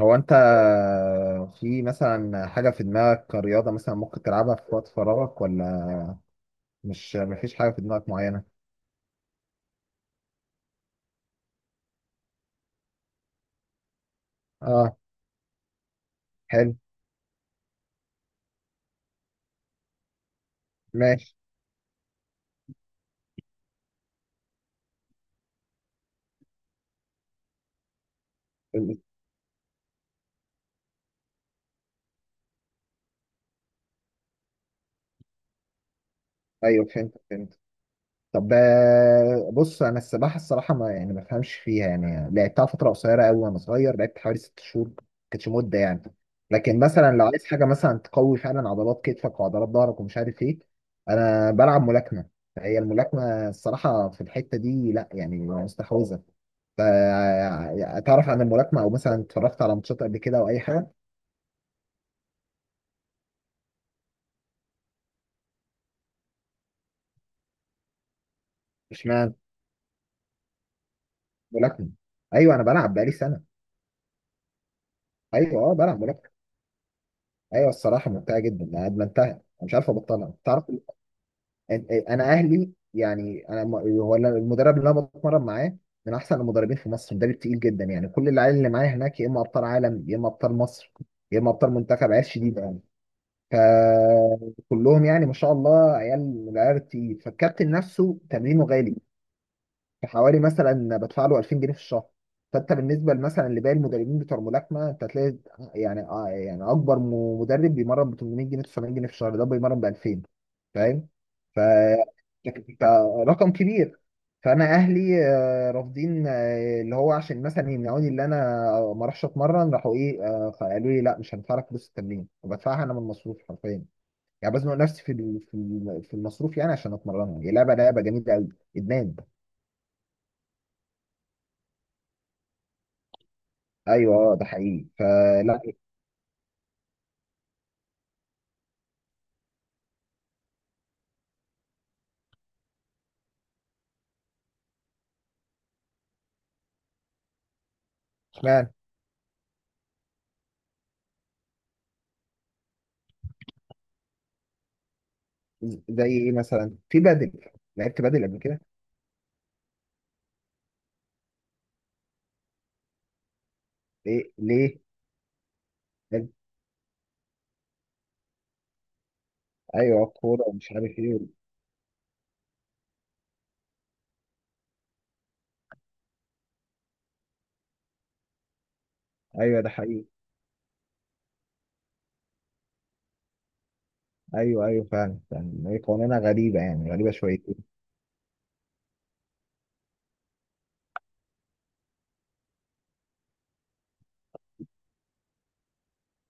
هو انت، في مثلا حاجة في دماغك كرياضة مثلا ممكن تلعبها في وقت فراغك؟ ولا مش مفيش حاجة في دماغك معينة؟ اه. حلو. ماشي. ايوه، فهمت فهمت. طب، بص، انا السباحة الصراحة ما بفهمش فيها، يعني لعبتها فترة قصيرة قوي وانا صغير، لعبت حوالي 6 شهور، ما كانتش مدة يعني. لكن مثلا لو عايز حاجة مثلا تقوي فعلا عضلات كتفك وعضلات ظهرك ومش عارف ايه، انا بلعب ملاكمة. هي الملاكمة الصراحة في الحتة دي لا يعني مستحوذة. تعرف عن الملاكمة أو مثلا اتفرجت على ماتشات قبل كده أو أي حاجة؟ اشمعنى؟ ملاكمة؟ أيوه، أنا بلعب بقالي سنة. أيوه، بلعب ملاكمة. أيوه، الصراحة ممتعة جدا، أنا أدمنتها، أنا مش عارف أبطلها، تعرف. أنا أهلي يعني، هو أنا المدرب اللي أنا بتمرن معاه، من أحسن المدربين في مصر، مدرب تقيل جدا، يعني كل العيال اللي معايا هناك يا إما أبطال عالم، يا إما أبطال مصر، يا إما أبطال منتخب، عيال شديدة يعني. فكلهم يعني ما شاء الله عيال من العيال التقيل، فالكابتن نفسه تمرينه غالي. في حوالي مثلا بدفع له 2000 جنيه في الشهر. فانت بالنسبه مثلا لباقي المدربين بتوع الملاكمه انت هتلاقي يعني، يعني اكبر مدرب بيمرن ب 800 جنيه، 900 جنيه في الشهر، ده بيمرن ب 2000. فاهم؟ ف ف- رقم كبير. فانا اهلي رافضين، اللي هو عشان مثلا يمنعوني اللي انا ما اروحش اتمرن، راحوا ايه، قالوا لي لا، مش هندفع لك فلوس التمرين، وبدفعها انا من المصروف حرفيا. يعني بزنق نفسي في المصروف، يعني عشان اتمرنها، هي لعبه جميله قوي، ادمان. ايوه، اه، ده حقيقي. فلا. اشمعنى؟ زي ايه مثلا؟ في بدل؟ لعبت بدل قبل كده؟ ليه ليه؟ بدل. ايوه، كوره ومش عارف ايه. ايوه، ده حقيقي. ايوه ايوه فعلا، يعني هي قوانينها غريبه يعني، غريبه شويتين.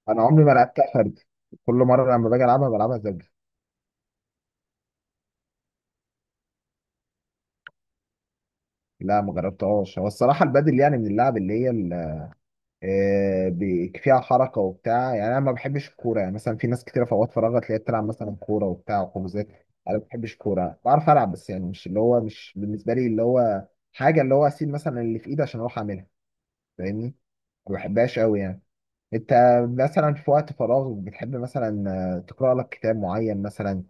انا عمري ما لعبتها فرد، كل مره لما باجي العبها بلعبها زوجي. لا، ما جربتهاش. هو الصراحه البدل يعني من اللعب اللي هي فيها حركه وبتاع، يعني انا ما بحبش الكوره، يعني مثلا في ناس كتير في اوقات فراغها تلاقيها بتلعب مثلا كوره وبتاع وحجوزات. انا ما بحبش الكوره، بعرف العب بس، يعني مش اللي هو، مش بالنسبه لي اللي هو حاجه، اللي هو اسيب مثلا اللي في ايدي عشان اروح اعملها. فاهمني؟ ما بحبهاش قوي يعني. انت مثلا في وقت فراغ بتحب مثلا تقرا لك كتاب معين مثلا؟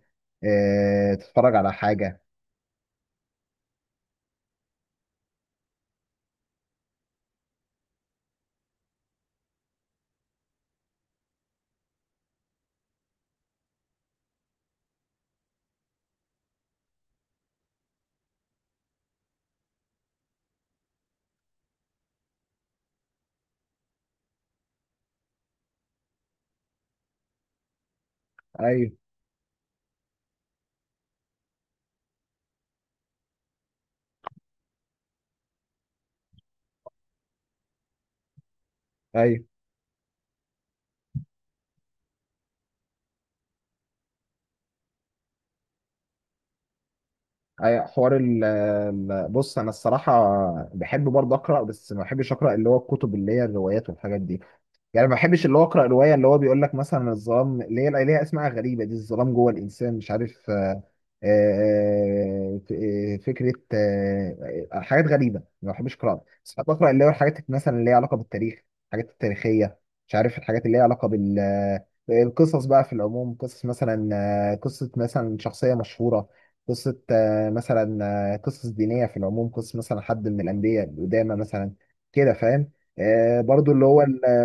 تتفرج على حاجه؟ ايوه ايوه. أي حوار بص، انا الصراحه بحب برضه اقرا، بس ما بحبش اقرا اللي هو الكتب اللي هي الروايات والحاجات دي. يعني ما بحبش اللي هو اقرا روايه اللي هو بيقول لك مثلا الظلام، اللي هي ليها اسماء غريبه دي، الظلام جوه الانسان مش عارف، فكره، حاجات غريبه ما بحبش اقراها، بس بحب اقرا اللي هو الحاجات مثلا اللي هي علاقه بالتاريخ، الحاجات التاريخيه، مش عارف الحاجات اللي هي علاقه بال، القصص بقى في العموم، قصص مثلا، قصه مثلا شخصيه مشهوره، قصه، مثلا، قصص دينيه في العموم، قصه مثلا حد من الانبياء القدامى مثلا، كده فاهم؟ برضو اللي هو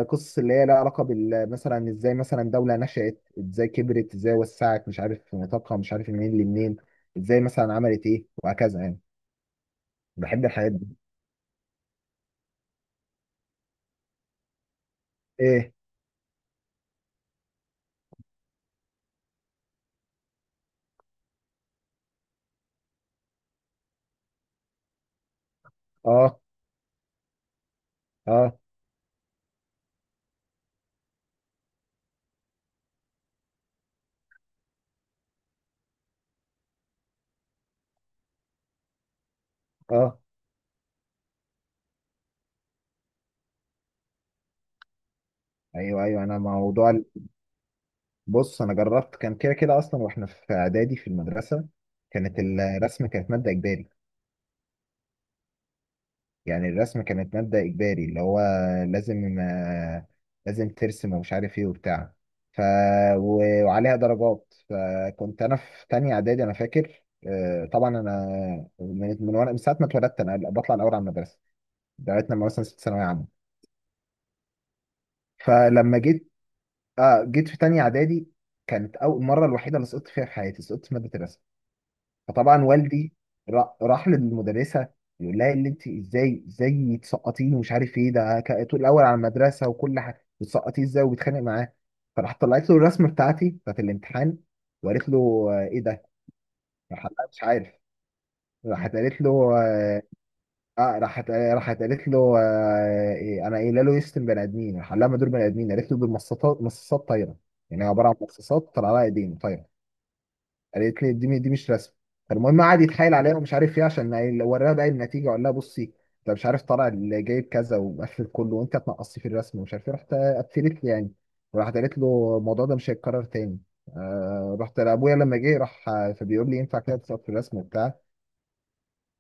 قصص اللي هي لها علاقه بال، مثلا ازاي مثلا دوله نشأت، ازاي كبرت، ازاي وسعت، مش عارف في نطاقها، مش عارف منين لمنين، ازاي مثلا عملت ايه وهكذا يعني. بحب الحاجات دي. ايه؟ اه. اه. اه. ايوه ايوه. بص، انا جربت، كان كده كده اصلا واحنا في اعدادي في المدرسه، كانت الرسم كانت ماده اجباري. يعني الرسم كانت مادة إجباري اللي هو لازم آه، لازم ترسم ومش عارف إيه وبتاع. ف... وعليها درجات. فكنت أنا في تانية إعدادي، أنا فاكر، طبعا أنا من من وأنا من ساعة ما اتولدت أنا بطلع الأول على المدرسة لغاية لما مثلا ست ثانوية عامة. فلما جيت، جيت في تانية إعدادي، كانت أول مرة الوحيدة اللي سقطت فيها في حياتي، سقطت في مادة الرسم. فطبعا والدي راح للمدرسه، يقول لها اللي انت ازاي تسقطيني ومش عارف ايه ده، طول الاول على المدرسه وكل حاجه بتسقطيه ازاي؟ وبيتخانق معاه. فراح طلعت له الرسمه بتاعتي بتاعت الامتحان، وقالت له، ايه ده؟ راح قال لها مش عارف. راحت قالت له اه. راحت قالت له، إيه انا قايله له يشتم بني ادمين؟ راح قال لها ما دول بني ادمين. قالت له دول مصاصات، مصاصات طايره، يعني عباره عن مصاصات طلع لها ايدين طايره. قالت لي دي مش رسم. فالمهم قعد يتحايل عليها ومش عارف ايه، عشان وراها بقى النتيجه، وقال لها بصي، انت مش عارف طالع اللي جايب كذا ومقفل كله وانت تنقصي في الرسم ومش عارف ايه، رحت قفلت لي يعني. وراحت قالت له الموضوع ده مش هيتكرر تاني. رحت لابويا لما جه راح، فبيقول لي ينفع كده تسقط في الرسم وبتاع؟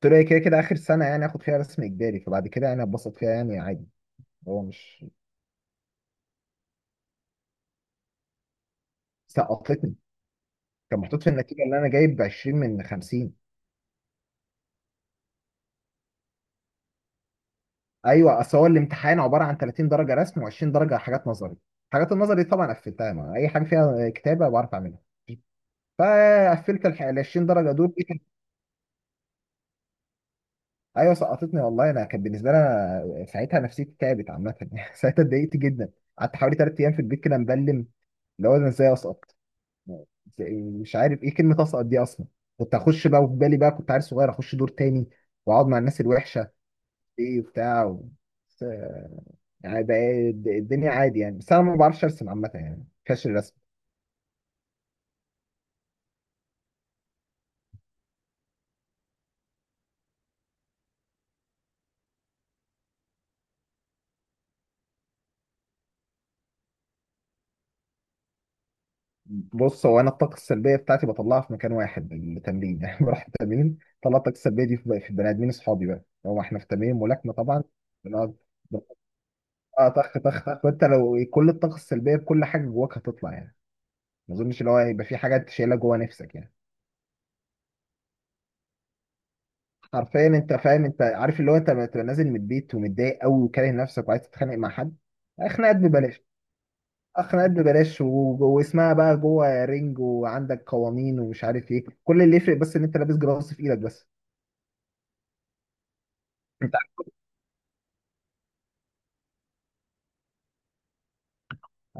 قلت له هي كده كده اخر سنه يعني اخد فيها رسم اجباري، فبعد كده يعني اتبسط فيها يعني عادي. هو مش سقطتني؟ كان محطوط في النتيجه اللي انا جايب 20 من 50. ايوه، اصل هو الامتحان عباره عن 30 درجه رسم و20 درجه حاجات نظري. حاجات النظري دي طبعا قفلتها، ما اي حاجه فيها كتابه بعرف اعملها. فقفلت ال 20 درجه دول، ايوه سقطتني والله. انا كان بالنسبه لي، أنا ساعتها نفسيتي تعبت عامه ساعتها اتضايقت جدا. قعدت حوالي 3 ايام في البيت كده مبلم، اللي هو انا ازاي اسقط؟ مش عارف ايه كلمه اسقط دي اصلا. كنت اخش بقى وفي بالي بقى، كنت عيل صغير اخش دور تاني واقعد مع الناس الوحشه، ايه بتاع، و- بس، آه، يعني بقى الدنيا عادي يعني، بس انا ما بعرفش ارسم عامه يعني، فاشل الرسم. بص، هو انا الطاقه السلبيه بتاعتي بطلعها في مكان واحد، التمرين يعني بروح التمرين طلع الطاقه السلبيه دي في البني ادمين اصحابي بقى، هو احنا في تمرين ملاكمه طبعا، بنقعد. اه، طخ طخ طخ. وانت لو كل الطاقه السلبيه بكل حاجه جواك هتطلع يعني، ما اظنش اللي هو هيبقى في حاجه انت شايلها جوا نفسك يعني. حرفيا، انت فاهم، انت عارف اللي هو، انت لما تبقى نازل من البيت ومتضايق قوي وكاره نفسك وعايز تتخانق مع حد، خناقات ببلاش. خناقات ببلاش، واسمها بقى جوه رينج، وعندك قوانين ومش عارف ايه، كل اللي يفرق بس ان انت لابس جراص في ايدك بس. انت؟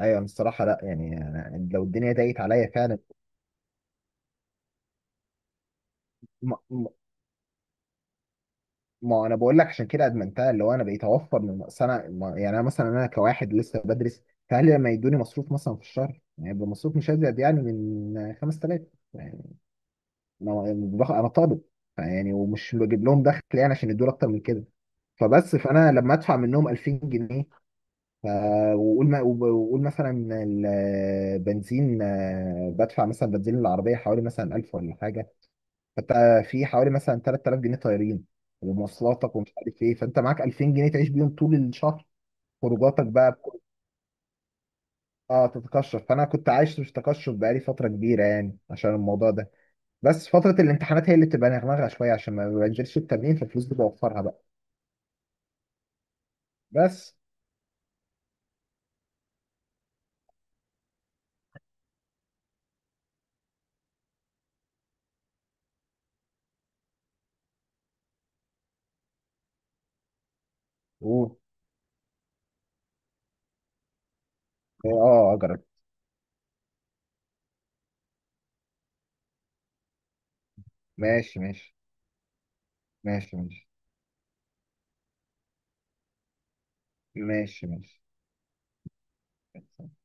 ايوه، أنا الصراحه لا يعني، أنا لو الدنيا ضاقت عليا فعلا، ما, ما ما انا بقول لك عشان كده ادمنتها، اللي هو انا بقيت اوفر من أصل. انا ما- يعني انا مثلا، انا كواحد لسه بدرس، فاهلي لما يدوني مصروف مثلا في الشهر يعني، يبقى مصروف مش ازيد يعني من 5000 يعني. انا طالب يعني، ومش بجيب لهم دخل يعني عشان يدوني اكتر من كده. فبس، فانا لما ادفع منهم 2000 جنيه، ف- وقول ما- وقول مثلا البنزين، بدفع مثلا بنزين العربية حوالي مثلا 1000 ولا حاجة. فانت في حوالي مثلا 3000 جنيه طايرين ومواصلاتك ومش عارف ايه، فانت معاك 2000 جنيه تعيش بيهم طول الشهر. خروجاتك بقى، اه تتقشف. فانا كنت عايش في تقشف بقالي فترة كبيرة يعني عشان الموضوع ده، بس فترة الامتحانات هي اللي بتبقى نغنغة شوية عشان ما بنزلش التمرين، فالفلوس دي بوفرها بقى، بس. و، اه، اجرب. ماشي ماشي. ماشي ماشي. ماشي ماشي.